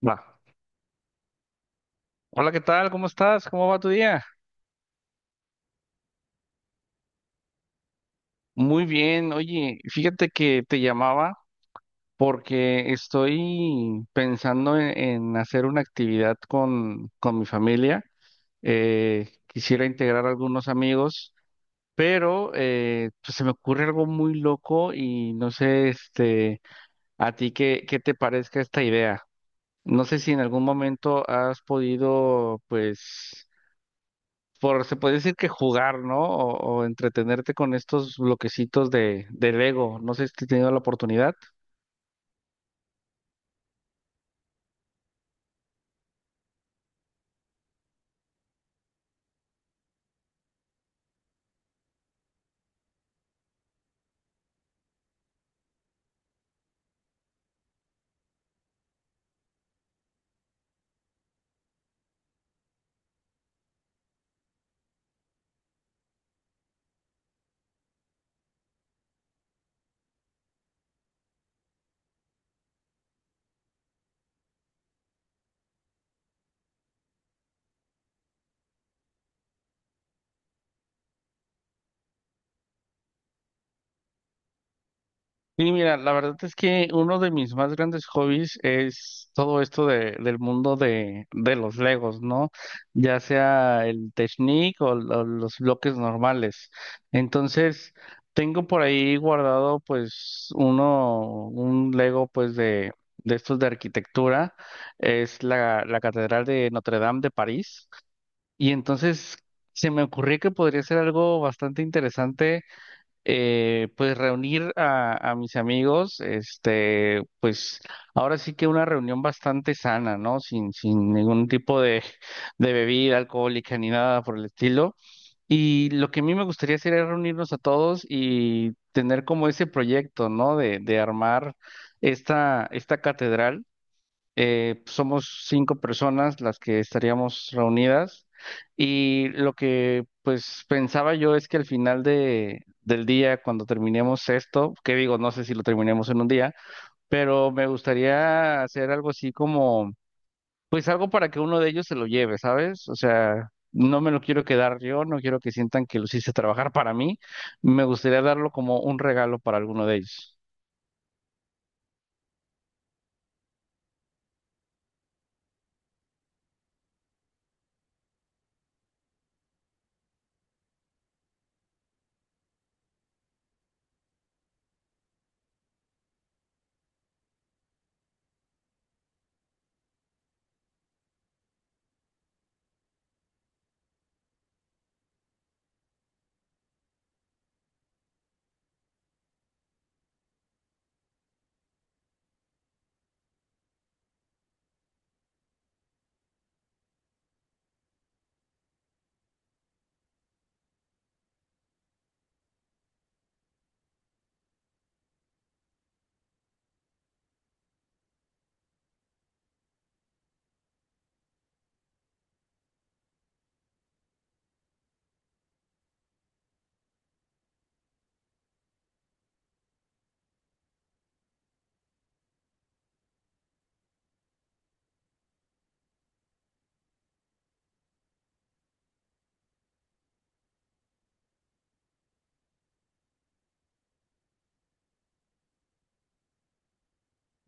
Va. Hola, ¿qué tal? ¿Cómo estás? ¿Cómo va tu día? Muy bien. Oye, fíjate que te llamaba porque estoy pensando en hacer una actividad con mi familia. Quisiera integrar algunos amigos, pero pues se me ocurre algo muy loco y no sé, este, a ti qué te parezca esta idea. No sé si en algún momento has podido, pues por, se puede decir que jugar, ¿no? O entretenerte con estos bloquecitos de Lego. No sé si he tenido la oportunidad. Y mira, la verdad es que uno de mis más grandes hobbies es todo esto de, del mundo de los Legos, ¿no? Ya sea el Technic o los bloques normales. Entonces, tengo por ahí guardado pues uno, un Lego pues de estos de arquitectura. Es la Catedral de Notre Dame de París. Y entonces se me ocurrió que podría ser algo bastante interesante, pues reunir a mis amigos, este, pues ahora sí que una reunión bastante sana, ¿no? Sin ningún tipo de bebida alcohólica ni nada por el estilo. Y lo que a mí me gustaría sería reunirnos a todos y tener como ese proyecto, ¿no? De armar esta catedral. Somos 5 personas las que estaríamos reunidas y lo que pues pensaba yo es que al final del día, cuando terminemos esto, que digo, no sé si lo terminemos en un día, pero me gustaría hacer algo así como, pues algo para que uno de ellos se lo lleve, ¿sabes? O sea... No me lo quiero quedar yo, no quiero que sientan que los hice trabajar para mí. Me gustaría darlo como un regalo para alguno de ellos.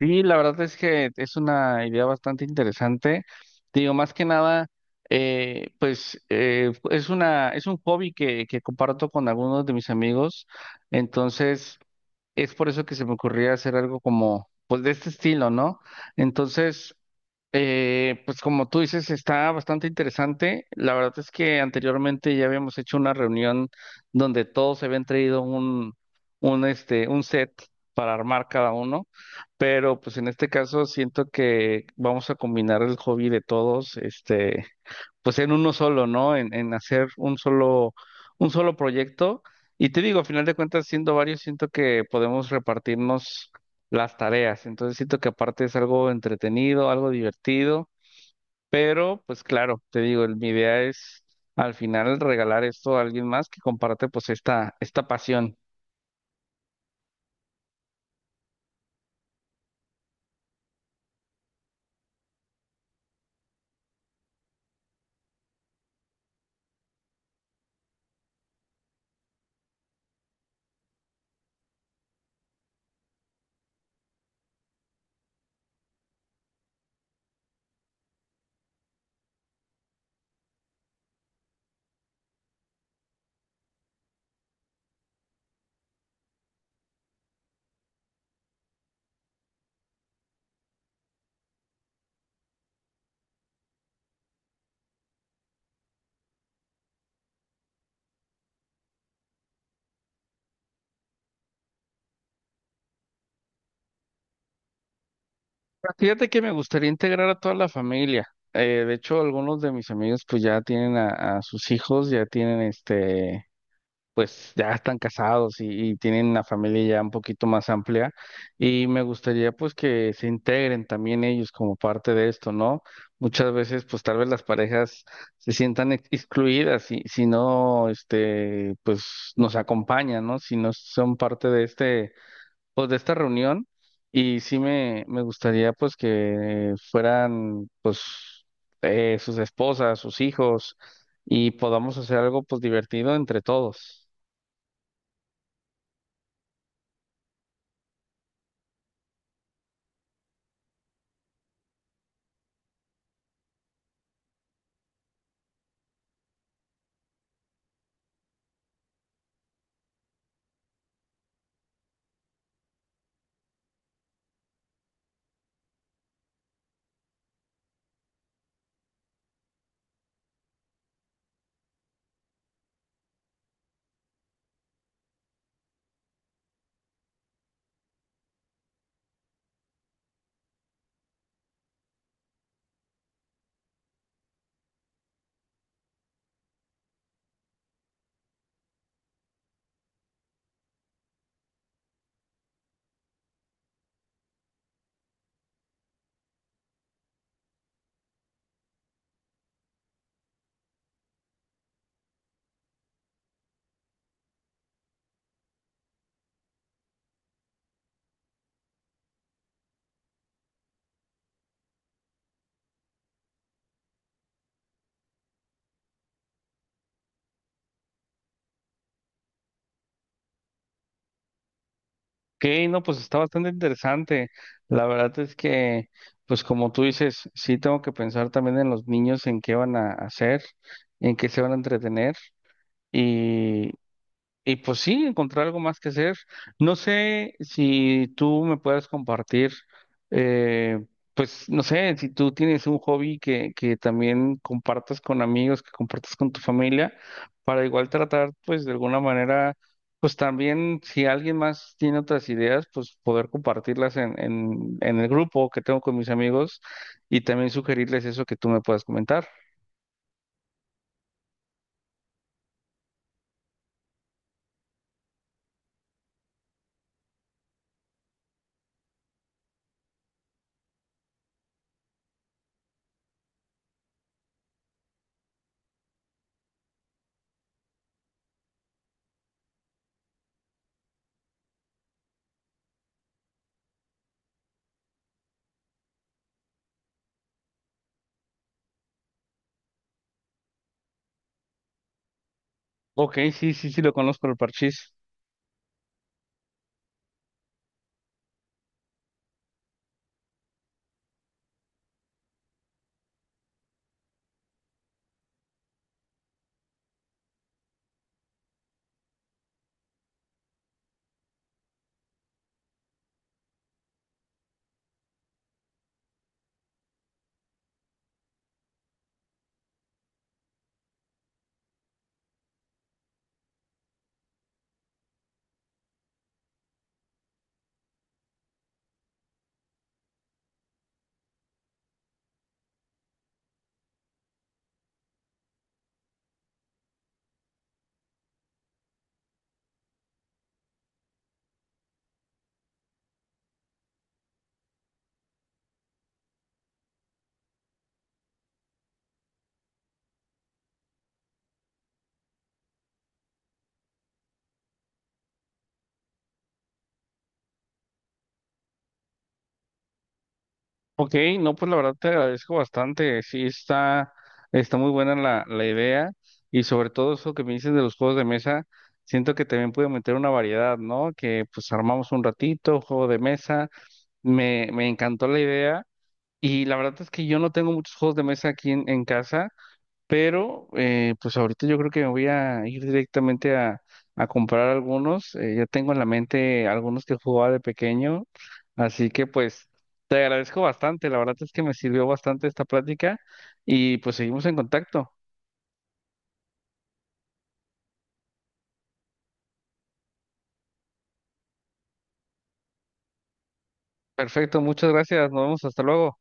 Sí, la verdad es que es una idea bastante interesante. Digo, más que nada, es una, es un hobby que comparto con algunos de mis amigos. Entonces, es por eso que se me ocurría hacer algo como, pues de este estilo, ¿no? Entonces, pues como tú dices, está bastante interesante. La verdad es que anteriormente ya habíamos hecho una reunión donde todos se habían traído un, este, un set para armar cada uno. Pero pues en este caso siento que vamos a combinar el hobby de todos, este, pues en uno solo, ¿no? En hacer un solo proyecto. Y te digo, a final de cuentas, siendo varios, siento que podemos repartirnos las tareas. Entonces siento que aparte es algo entretenido, algo divertido, pero pues claro, te digo, mi idea es al final regalar esto a alguien más que comparte pues esta pasión. Fíjate que me gustaría integrar a toda la familia. De hecho, algunos de mis amigos pues ya tienen a sus hijos, ya tienen este, pues ya están casados y tienen una familia ya un poquito más amplia. Y me gustaría pues que se integren también ellos como parte de esto, ¿no? Muchas veces pues tal vez las parejas se sientan excluidas si no, este, pues nos acompañan, ¿no? Si no son parte de este pues de esta reunión y sí me gustaría pues que fueran pues sus esposas, sus hijos y podamos hacer algo pues divertido entre todos. Ok, no, pues está bastante interesante. La verdad es que pues como tú dices, sí tengo que pensar también en los niños, en qué van a hacer, en qué se van a entretener. Y pues sí, encontrar algo más que hacer. No sé si tú me puedes compartir, eh, pues no sé, si tú tienes un hobby que también compartas con amigos, que compartas con tu familia, para igual tratar, pues de alguna manera, pues también si alguien más tiene otras ideas, pues poder compartirlas en el grupo que tengo con mis amigos y también sugerirles eso que tú me puedas comentar. Ok, sí, sí, sí, lo conozco, el parchís. Ok, no, pues la verdad te agradezco bastante. Sí, está, está muy buena la idea y sobre todo eso que me dices de los juegos de mesa, siento que también puedo meter una variedad, ¿no? Que pues armamos un ratito, juego de mesa. Me encantó la idea y la verdad es que yo no tengo muchos juegos de mesa aquí en casa. Pero pues ahorita yo creo que me voy a ir directamente a comprar algunos. Ya tengo en la mente algunos que jugaba de pequeño. Así que pues te agradezco bastante. La verdad es que me sirvió bastante esta plática y pues seguimos en contacto. Perfecto, muchas gracias. Nos vemos hasta luego.